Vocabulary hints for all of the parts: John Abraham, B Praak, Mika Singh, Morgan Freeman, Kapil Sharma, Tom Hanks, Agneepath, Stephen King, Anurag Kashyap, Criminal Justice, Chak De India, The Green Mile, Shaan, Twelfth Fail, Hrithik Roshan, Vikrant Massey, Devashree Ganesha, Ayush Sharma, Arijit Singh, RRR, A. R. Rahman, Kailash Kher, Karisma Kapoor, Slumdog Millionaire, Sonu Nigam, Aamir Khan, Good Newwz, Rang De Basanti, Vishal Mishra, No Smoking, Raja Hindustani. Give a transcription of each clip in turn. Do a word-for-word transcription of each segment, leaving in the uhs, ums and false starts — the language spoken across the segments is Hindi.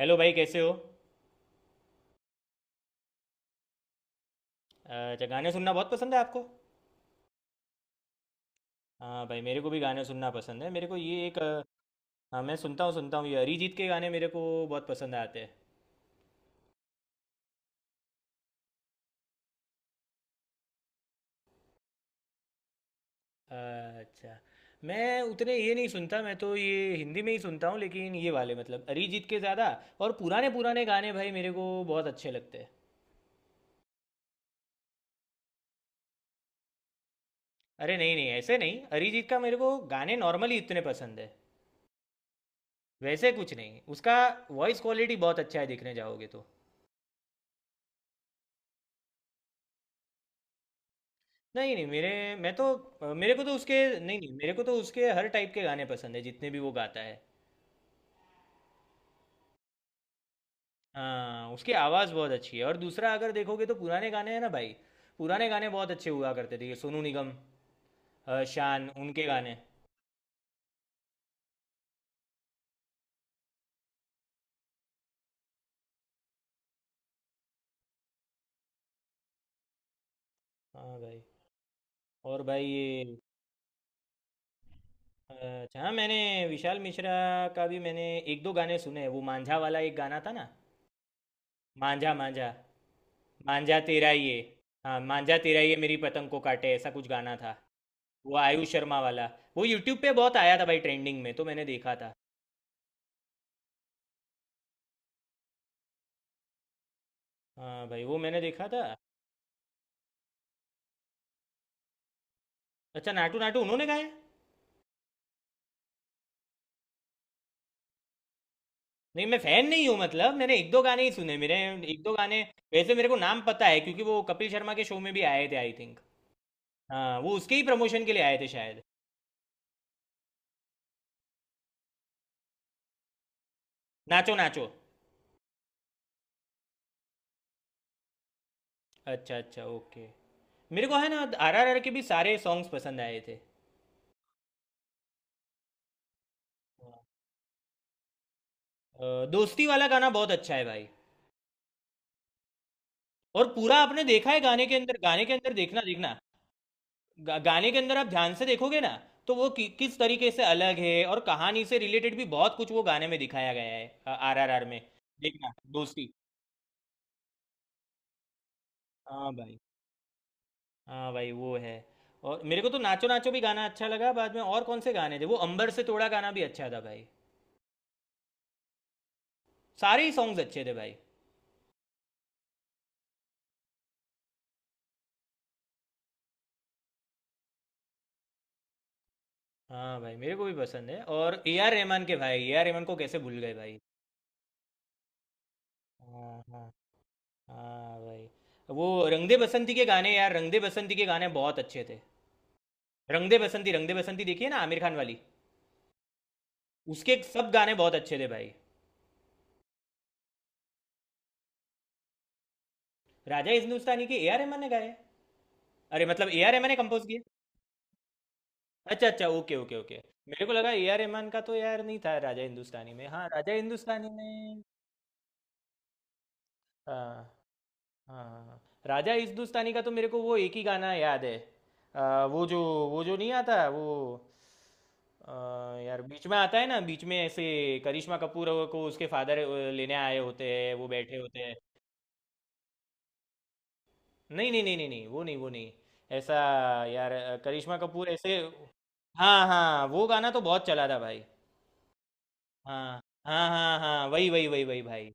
हेलो भाई, कैसे हो। अच्छा, गाने सुनना बहुत पसंद है आपको। हाँ भाई, मेरे को भी गाने सुनना पसंद है। मेरे को ये एक अ, हाँ मैं सुनता हूँ सुनता हूँ, ये अरिजीत के गाने मेरे को बहुत पसंद आते हैं। अच्छा, मैं उतने ये नहीं सुनता, मैं तो ये हिंदी में ही सुनता हूँ लेकिन ये वाले मतलब अरिजीत के ज़्यादा, और पुराने पुराने गाने भाई मेरे को बहुत अच्छे लगते हैं। अरे नहीं नहीं, ऐसे नहीं, अरिजीत का मेरे को गाने नॉर्मली इतने पसंद है वैसे, कुछ नहीं उसका। वॉइस क्वालिटी बहुत अच्छा है देखने जाओगे तो। नहीं नहीं, मेरे मैं तो अ, मेरे को तो उसके नहीं नहीं, मेरे को तो उसके हर टाइप के गाने पसंद है जितने भी वो गाता है। हाँ, उसकी आवाज़ बहुत अच्छी है, और दूसरा अगर देखोगे तो पुराने गाने हैं ना भाई, पुराने गाने बहुत अच्छे हुआ करते थे। ये सोनू निगम, अ, शान, उनके गाने। हाँ भाई, और भाई ये अ, अच्छा, हाँ मैंने विशाल मिश्रा का भी मैंने एक दो गाने सुने हैं। वो मांझा वाला एक गाना था ना, मांझा मांझा। मांझा तेरा ये, हाँ मांझा तेरा ये मेरी पतंग को काटे, ऐसा कुछ गाना था। वो आयुष शर्मा वाला वो यूट्यूब पे बहुत आया था भाई, ट्रेंडिंग में, तो मैंने देखा था। हाँ भाई वो मैंने देखा था। अच्छा, नाटू नाटू उन्होंने गाया। नहीं, मैं फैन नहीं हूँ, मतलब मैंने एक दो गाने ही सुने मेरे, एक दो गाने। वैसे मेरे को नाम पता है क्योंकि वो कपिल शर्मा के शो में भी आए थे, आई थिंक। हाँ, वो उसके ही प्रमोशन के लिए आए थे शायद। नाचो नाचो। अच्छा अच्छा, ओके। मेरे को है ना, आर आर आर के भी सारे सॉन्ग्स पसंद आए थे। अ, दोस्ती वाला गाना बहुत अच्छा है भाई। और पूरा आपने देखा है, गाने के अंदर, गाने के अंदर, देखना देखना, गा- गाने के अंदर आप ध्यान से देखोगे ना, तो वो कि, किस तरीके से अलग है, और कहानी से रिलेटेड भी बहुत कुछ वो गाने में दिखाया गया है आरआरआर में। देखना, दोस्ती। हाँ भाई। हाँ भाई वो है। और मेरे को तो नाचो नाचो भी गाना अच्छा लगा बाद में, और कौन से गाने थे, वो अंबर से तोड़ा गाना भी अच्छा था भाई। सारे ही सॉन्ग्स अच्छे थे भाई। हाँ भाई, मेरे को भी पसंद है। और ए आर रहमान के, भाई ए आर रहमान को कैसे भूल गए भाई। हाँ हाँ। हाँ भाई, वो रंग दे बसंती के गाने, यार रंग दे बसंती के गाने बहुत अच्छे थे। रंग दे बसंती, रंग दे बसंती देखी है ना, आमिर खान वाली, उसके सब गाने बहुत अच्छे थे भाई। राजा इस हिंदुस्तानी के ए आर रहमान ने गाए, अरे मतलब ए आर रहमान ने कंपोज किए। अच्छा अच्छा, ओके ओके ओके। मेरे को लगा ए आर रहमान का तो यार नहीं था राजा हिंदुस्तानी में, हाँ राजा हिंदुस्तानी में। हाँ हाँ हाँ। राजा हिंदुस्तानी का तो मेरे को वो एक ही गाना याद है। आ, वो जो, वो जो नहीं आता वो, आ, यार बीच में आता है ना, बीच में ऐसे करिश्मा कपूर को उसके फादर लेने आए होते हैं, वो बैठे होते हैं। नहीं नहीं नहीं नहीं नहीं, वो नहीं वो नहीं, ऐसा यार, अ, करिश्मा कपूर ऐसे। हाँ हाँ, वो गाना तो बहुत चला था भाई। हाँ हाँ हाँ हाँ, वही वही वही वही भाई।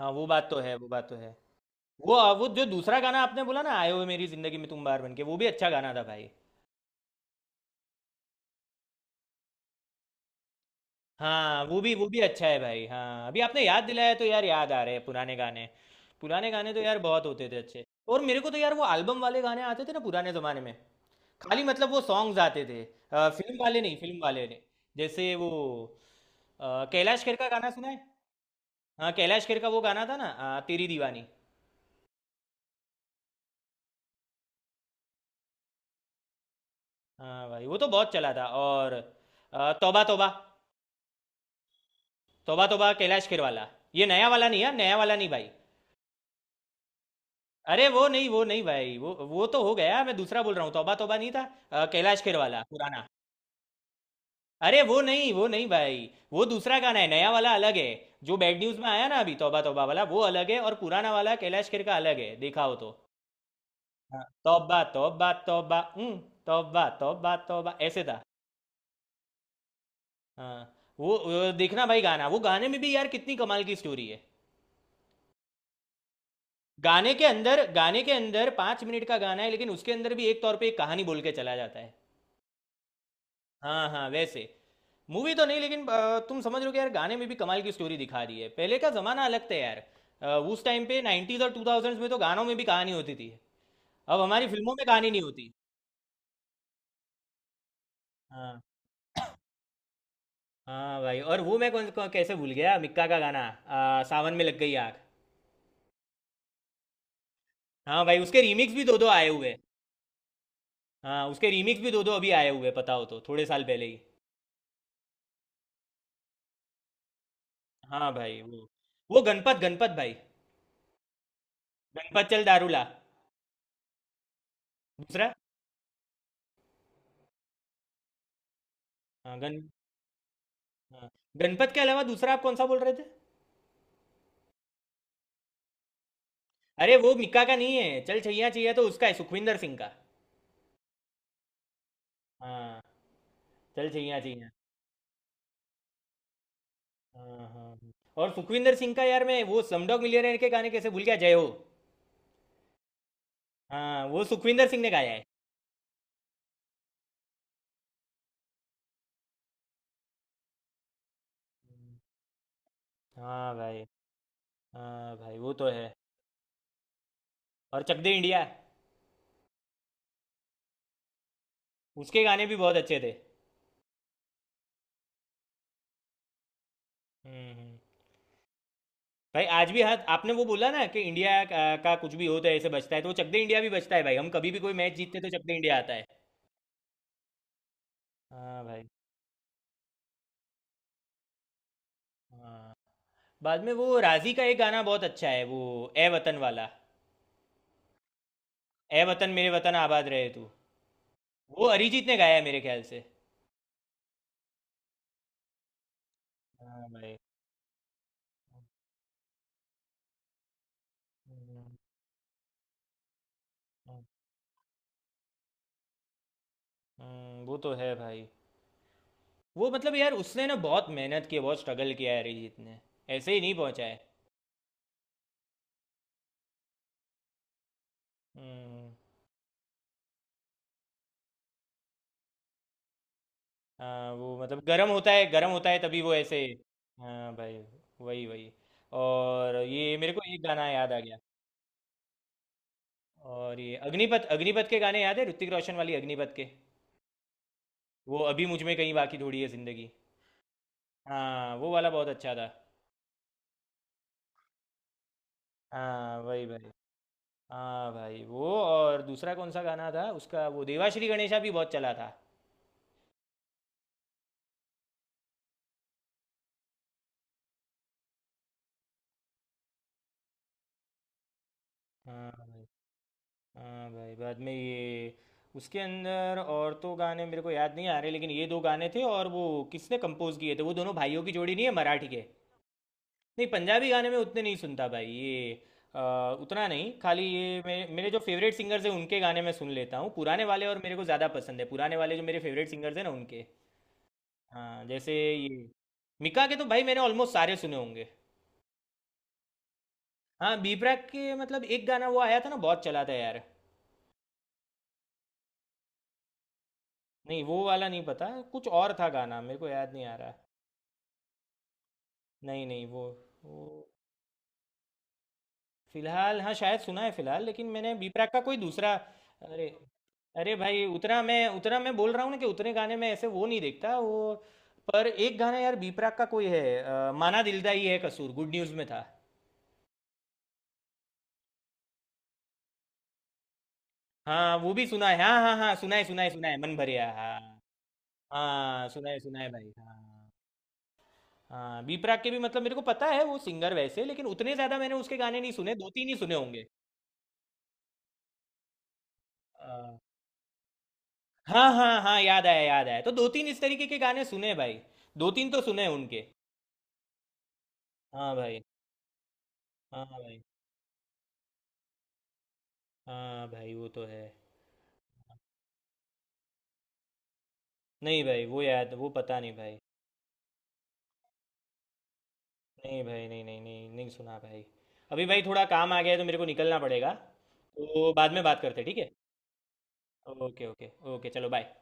हाँ, वो बात तो है, वो बात तो है। वो वो जो दूसरा गाना आपने बोला ना, आए हुए मेरी जिंदगी में तुम बार बन के, वो भी अच्छा गाना था भाई। हाँ वो भी, वो भी अच्छा है भाई। हाँ, अभी आपने याद दिलाया तो यार याद आ रहे हैं पुराने गाने। पुराने गाने तो यार बहुत होते थे अच्छे। और मेरे को तो यार वो एल्बम वाले गाने आते थे ना पुराने ज़माने में, खाली मतलब वो सॉन्ग्स आते थे, अ, फिल्म वाले नहीं, फिल्म वाले ने। जैसे वो, अ, कैलाश खेर का गाना सुना है। हाँ कैलाश खेर का वो गाना था ना, अ, तेरी दीवानी। हाँ भाई, वो तो बहुत चला था। और अ, तौबा तौबा। तौबा तौबा कैलाश खेर वाला, ये नया वाला नहीं है, नया वाला नहीं भाई। अरे वो नहीं वो नहीं भाई, वो वो तो हो गया, मैं दूसरा बोल रहा हूँ, तौबा तौबा नहीं था। अ, कैलाश खेर वाला पुराना। अरे वो नहीं वो नहीं भाई, वो दूसरा गाना है, नया वाला अलग है, जो बैड न्यूज में आया ना अभी तौबा तौबा वाला, वो अलग है, और पुराना वाला कैलाश खेर का अलग है, देखा हो तो। हाँ तौबा तौबा तौबा। हम्म। तौबा तौबा तौबा ऐसे था। हाँ। वो, वो देखना भाई गाना, वो गाने में भी यार कितनी कमाल की स्टोरी है। गाने के अंदर, गाने के अंदर पाँच मिनट का गाना है, लेकिन उसके अंदर भी एक तौर पे एक कहानी बोल के चला जाता है। हाँ हाँ वैसे, मूवी तो नहीं, लेकिन अ, तुम समझ रहे हो कि यार गाने में भी कमाल की स्टोरी दिखा रही है। पहले का जमाना अलग था यार, अ, उस टाइम पे नाइंटीज़ और टू थाउज़ेंड्स में तो गानों में भी कहानी होती थी। अब हमारी फिल्मों में कहानी नहीं होती। हाँ। हाँ भाई। और वो मैं कौन कौन- कैसे भूल गया, मिक्का का गाना, आ, सावन में लग गई आग। हाँ भाई, उसके रीमिक्स भी दो दो आए हुए। हाँ, उसके रीमिक्स भी दो दो अभी आए हुए, पता हो तो, थोड़े साल पहले ही। हाँ भाई वो वो गणपत, गणपत भाई। गणपत चल दारूला, दूसरा। हाँ गण हाँ, गणपत के अलावा दूसरा आप कौन सा बोल रहे थे। अरे वो मिक्का का नहीं है, चल छैया छैया तो उसका है, सुखविंदर सिंह का। हाँ, चल छैया छैया। हाँ हाँ हाँ। और सुखविंदर सिंह का यार, मैं वो समडॉग मिलियनेयर के गाने कैसे भूल गया, जय हो। हाँ, वो सुखविंदर सिंह ने गाया है। हाँ भाई। हाँ भाई वो तो है। और चक दे इंडिया, उसके गाने भी बहुत अच्छे थे। हम्म हम्म। भाई आज भी हाथ आपने वो बोला ना कि इंडिया का का कुछ भी होता है ऐसे, बचता है तो वो चक दे इंडिया भी बचता है भाई, हम कभी भी कोई मैच जीतते तो चक दे इंडिया आता है। हाँ भाई। हाँ, बाद में वो राजी का एक गाना बहुत अच्छा है, वो ए वतन वाला, ए वतन मेरे वतन आबाद रहे तू, वो अरिजीत ने गाया है मेरे ख्याल से। हाँ भाई। हम्म, वो तो है भाई। वो मतलब यार उसने ना बहुत मेहनत की है, बहुत स्ट्रगल किया है अरिजीत ने, ऐसे ही नहीं पहुंचा है। हम्म, हाँ वो मतलब गर्म होता है, गर्म होता है तभी वो ऐसे। हाँ भाई। वही वही। और ये मेरे को एक गाना याद आ गया। और ये अग्निपथ, अग्निपथ के गाने याद है, ऋतिक रोशन वाली अग्निपथ के, वो अभी मुझ में कहीं बाकी थोड़ी है जिंदगी। हाँ, वो वाला बहुत अच्छा था। हाँ वही भाई। हाँ भाई वो, और दूसरा कौन सा गाना था उसका, वो देवाश्री गणेशा भी बहुत चला था। हाँ भाई। हाँ भाई, बाद में ये, उसके अंदर और तो गाने मेरे को याद नहीं आ रहे, लेकिन ये दो गाने थे, और वो किसने कंपोज किए थे, वो दोनों भाइयों की जोड़ी नहीं है मराठी के। नहीं, पंजाबी गाने में उतने नहीं सुनता भाई ये, अ, उतना नहीं, खाली ये मे, मेरे जो फेवरेट सिंगर्स हैं उनके गाने मैं सुन लेता हूँ, पुराने वाले। और मेरे को ज़्यादा पसंद है पुराने वाले, जो मेरे फेवरेट सिंगर्स हैं ना उनके। हाँ जैसे ये, मिका के तो भाई मैंने ऑलमोस्ट सारे सुने होंगे। हाँ, बी प्राक के मतलब एक गाना वो आया था ना, बहुत चला था यार। नहीं वो वाला नहीं, पता कुछ और था गाना, मेरे को याद नहीं आ रहा। नहीं नहीं, वो वो, फिलहाल, हाँ शायद सुना है फिलहाल, लेकिन मैंने बी प्राक का कोई दूसरा। अरे, अरे भाई, उतना मैं उतना मैं बोल रहा हूँ ना कि उतने गाने में ऐसे वो नहीं देखता वो। पर एक गाना यार बी प्राक का कोई है, अ, माना दिलदा ही है कसूर, गुड न्यूज़ में था। हाँ वो भी सुना है, हाँ हाँ हाँ, सुना है सुना है सुना है, मन भरिया, हाँ। हाँ सुना है सुना है भाई, हाँ। हाँ, बी प्राक के भी मतलब मेरे को पता है वो सिंगर वैसे, लेकिन उतने ज्यादा मैंने उसके गाने नहीं सुने, दो तीन ही सुने होंगे। अ, हाँ हाँ हाँ, याद आया याद आया, तो दो तीन इस तरीके के गाने सुने भाई, दो तीन तो सुने उनके। हाँ भाई। हाँ भाई। हाँ भाई वो तो है। नहीं भाई, वो याद, वो पता नहीं भाई। नहीं भाई, नहीं नहीं नहीं, नहीं सुना भाई। अभी भाई थोड़ा काम आ गया है तो मेरे को निकलना पड़ेगा, तो बाद में बात करते हैं, ठीक है। ओके ओके ओके, चलो बाय।